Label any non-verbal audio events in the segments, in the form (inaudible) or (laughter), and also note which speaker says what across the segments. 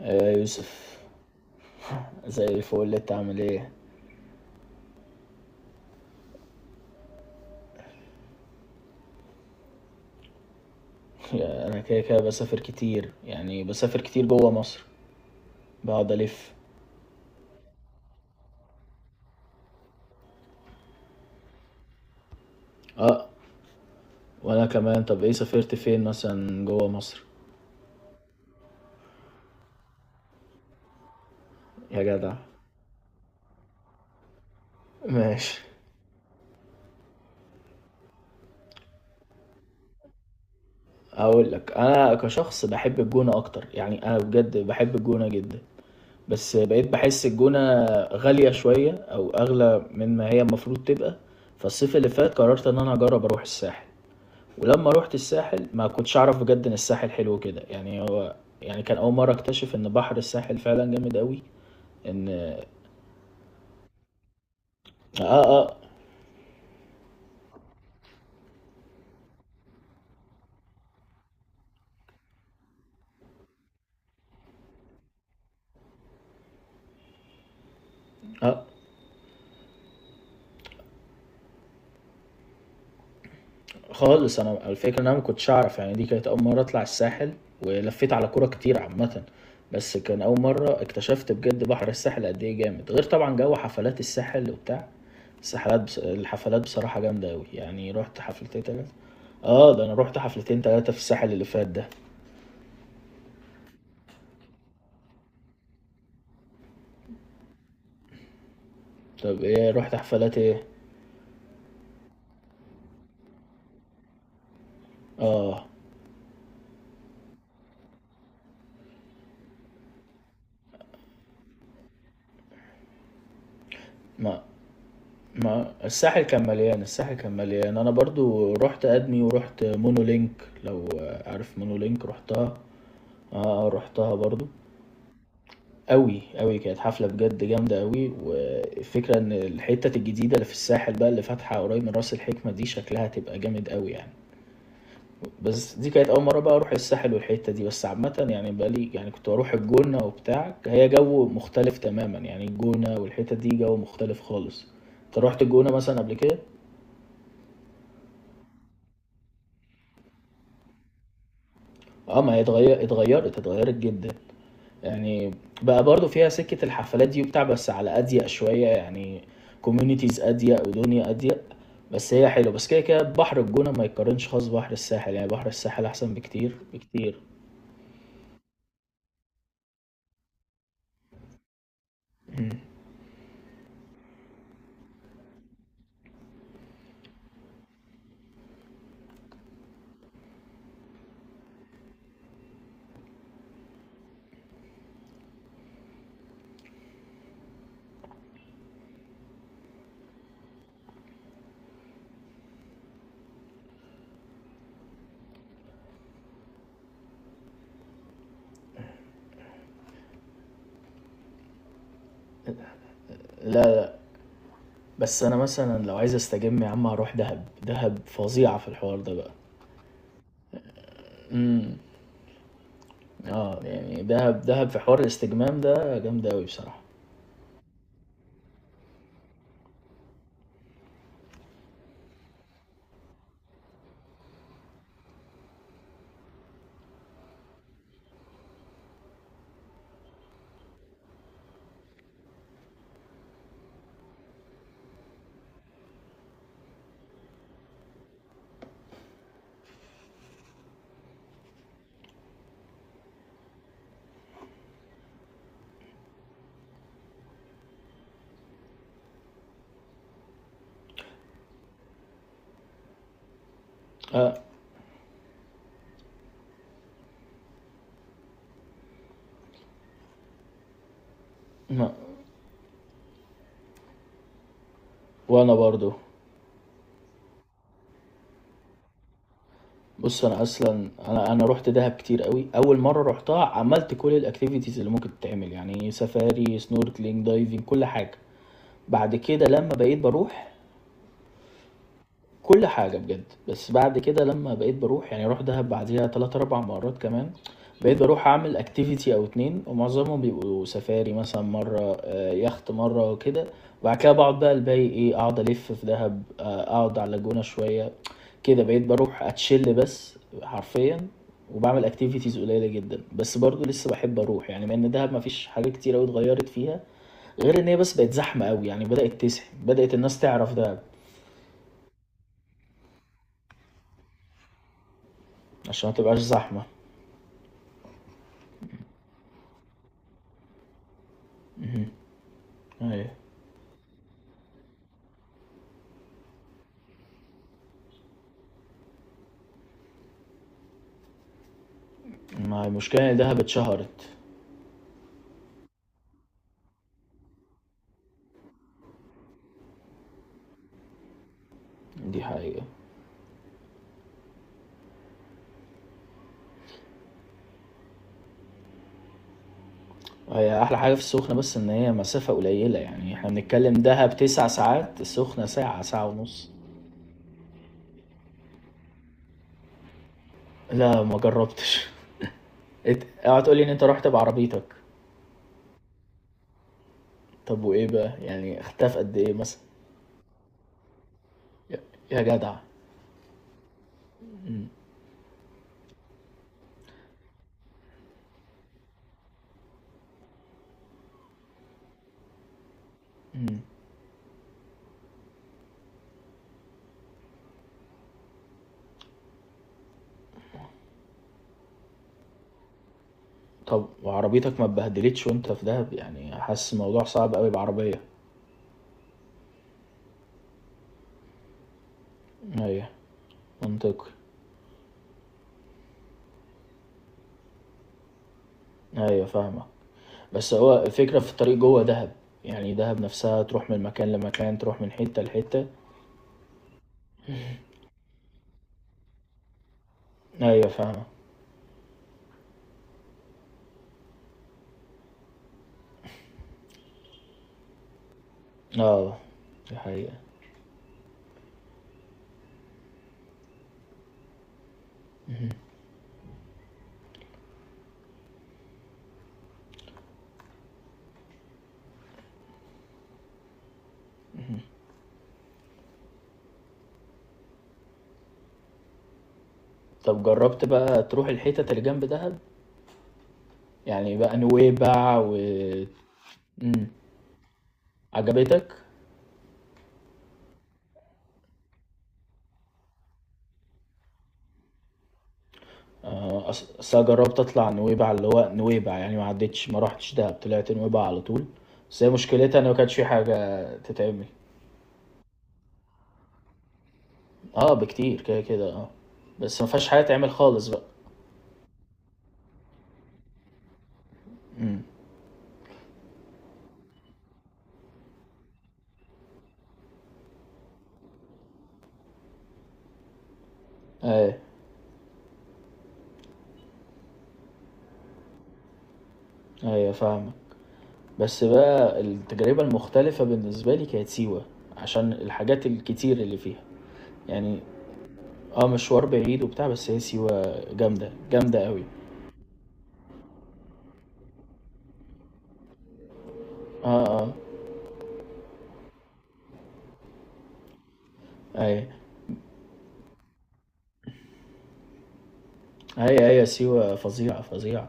Speaker 1: آه، يوسف. زي الفل، انت عامل ايه؟ (laughs) انا كده كده بسافر كتير، يعني بسافر كتير جوه مصر. بقعد الف. اه، وانا كمان. طب ايه سافرت فين مثلا جوه مصر؟ يا جدع. ماشي. اقول لك، انا كشخص بحب الجونة اكتر، يعني انا بجد بحب الجونة جدا. بس بقيت بحس الجونة غالية شوية او اغلى من ما هي المفروض تبقى. فالصيف اللي فات قررت ان انا اجرب اروح الساحل، ولما روحت الساحل ما كنتش اعرف بجد ان الساحل حلو كده. يعني هو يعني كان اول مره اكتشف ان بحر الساحل فعلا جامد قوي. ان اه. اه. اه. آه. خالص، انا الفكره ان انا ما كنتش اعرف، يعني دي كانت اول مره اطلع الساحل ولفيت على كوره كتير عامه. بس كان اول مره اكتشفت بجد بحر الساحل قد ايه جامد، غير طبعا جو حفلات الساحل وبتاع الساحلات. الحفلات بصراحه جامده قوي، يعني رحت حفلتين تلاتة. اه، ده انا رحت حفلتين تلاتة في الساحل اللي فات ده. طب ايه رحت حفلات ايه؟ آه. ما ما الساحل كان مليان، الساحل كان مليان. أنا برضو رُحت أدمي ورُحت مونولينك، لو عارف مونولينك، رُحتها. آه، رُحتها برضو. أوي، أوي، كانت حفلة بجد جامدة أوي. والفكرة إن الحتت الجديدة اللي في الساحل بقى، اللي فاتحة قريب من راس الحكمة، دي شكلها هتبقى جامد أوي يعني. بس دي كانت أول مرة بقى أروح الساحل والحتة دي بس عامة، يعني بقى لي يعني كنت بروح الجونة وبتاع، هي جو مختلف تماما، يعني الجونة والحتة دي جو مختلف خالص. أنت روحت الجونة مثلا قبل كده؟ اه، ما هي اتغيرت اتغيرت جدا يعني. بقى برضو فيها سكة الحفلات دي وبتاع، بس على أضيق شوية يعني، كوميونيتيز أضيق ودنيا أضيق. بس هي حلوة، بس كده كده بحر الجونة ما يتقارنش خالص بحر الساحل، يعني بحر الساحل أحسن بكتير بكتير. بس أنا مثلًا لو عايز أستجم يا عم هاروح دهب، دهب فظيعة في الحوار ده بقى. إمم. آه، يعني دهب دهب في حوار الاستجمام ده جامدة أوي بصراحة. آه. ما. وأنا برضه. بُص، أنا أصلًا أنا رُحت دهب كتير أوي. أول مرّة رُحتها عملت كل الactivities اللي ممكن تتعمل، يعني سفاري، snorkeling، diving، كل حاجة. بعد كده لمّا بقيت باروح كل حاجة بجد. بس بعد كده لمّا بقيت باروح، يعني أروح دهب بعديها 3، 4 مرات كمان، بقيت باروح أعمل activity أو 2، ومعظمهم بيبقوا سفاري مثلًا مرة، يخت مرة كده. وبعد كده باقعد بقى الباقي إيه، أقعد ألِف في دهب، آه، أقعد على اللاجونة شوية. كده بقيت باروح أتشِل بس حرفيًا، وباعمل activities قليلة جدًا. بس برضه لسه باحب أروح، يعني مع إن دهب ما فيش حاجات كتير أوي اتغيّرت فيها، غير إن هي بس بقت زحمة أوي، يعني بدأت تزحم، بدأت الناس تعرف دهب. عشان ما تبقاش زحمة. ايوه. ما هي المشكلة ان دهب اتشهرت. دي حقيقة. هي أحلى حاجة في السخنة بس إن هي مسافة قليلة، يعني احنا بنتكلم دهب تسع ساعات، السخنة ساعة ساعة ونص. لا، ما جربتش. (laughs) اوعى تقولي إن أنت رحت بعربيتك. طب وإيه بقى، يعني اختفى قد إيه مثلا؟ يا. يا جدع. مم. طب وعربيتك ما اتبهدلتش وأنت في دهب؟ يعني حاسس الموضوع صعب أوي بعربية. أيوة. منطقي. أيوة، فاهمك. بس هو الفكرة في الطريق جوه دهب، يعني دهب نفسها تروح من مكان لمكان، تروح من حتة لحتة. ايوه فاهمة. اه، دي حقيقة. طب جربت بقى تروح الحتت اللي جنب دهب؟ يعني بقى نويبع و. مم. عجبتك. آه، أصل أنا جربت أطلع نويبع، اللي هو نويبع يعني ما عدتش، ما رحتش دهب، طلعت نويبع على طول. بس هي مشكلتها إن ما كانش في حاجة تتعمل. اه، بكتير كده كده، اه. بس ما فيهاش حاجة تعمل خالص بقى. امم. ايوه. ايوه فاهمك. بس بقى التجربة المختلفة بالنسبة لي كانت سيوة، عشان الحاجات الكتير اللي فيها يعني. اه، مشوار بعيد وبتاع، بس هي سيوة جامدة جامدة قوي. اه. اه. اي. هي هي سيوة فظيعة فظيعة.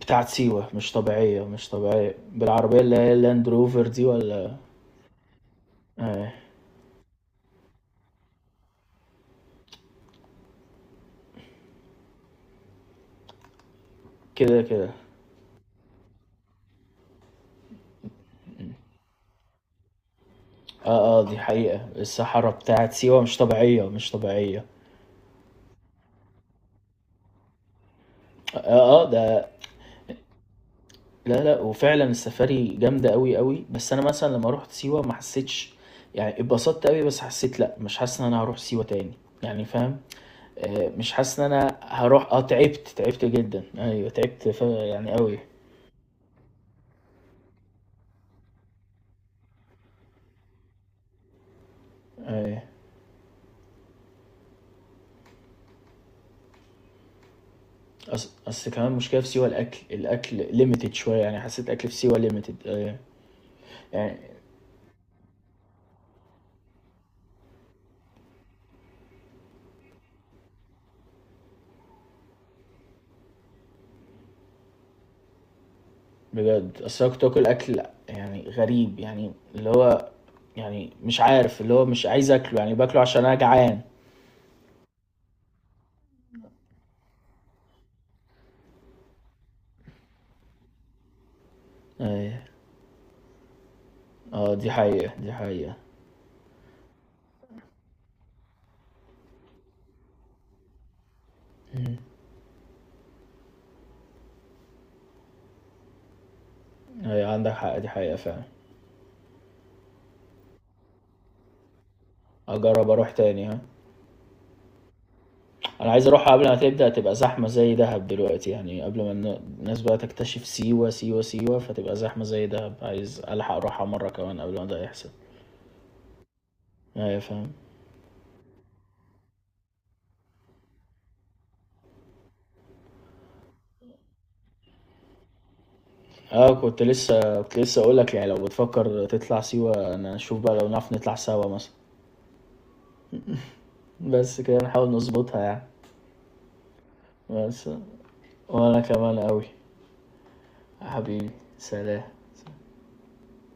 Speaker 1: بتاعت سيوة مش طبيعية مش طبيعية، بالعربية اللي هي اللاند روفر دي ولا. آه. كده كده. اه، اه، دي حقيقة، الصحراء بتاعت سيوة مش طبيعية مش طبيعية. اه اه ده. لا، لأ، وفعلًا السفاري جامدة أوي، أوي. بس أنا مثلًا لمّا رُحت سيوة ما حسيتش، يعني اتبسطت أوي بس حسيت لأ، مش حاسس إن أنا هاروح سيوة تاني، يعني فاهم. مش حاسس إن أنا هاروح. آه، تعبت، تعبت جدًا، أيوه تعبت، ف يعني أوي. أيوه. أصل كمان المشكلة في سيوة الأكل، الأكل limited شوية، يعني حسيت الأكل في سيوة limited. أيوه. يعني بجد، أصل أنا كنت باكل أكل يعني غريب، يعني اللي هو يعني مش عارف، اللي هو مش عايز آكله، يعني باكله عشان أنا جعان. أيوه. اه، دي حقيقة، دي حقيقة. مم. هي عندك حق، دي حقيقة فعلا. اجرب اروح تاني، ها. انا عايز اروح قبل ما تبدأ تبقى زحمة زي دهب دلوقتي، يعني قبل ما الناس بقى تكتشف سيوة سيوة فتبقى زحمة زي دهب، عايز الحق اروحها مرة كمان قبل ما ده يحصل. ايوه فاهم. اه، كنت لسه كنت لسه اقول لك، يعني لو بتفكر تطلع سيوة انا اشوف بقى لو نعرف نطلع سوا مثلا. بس كده نحاول نظبطها يعني. بس. وانا كمان قوي. حبيبي. سلام.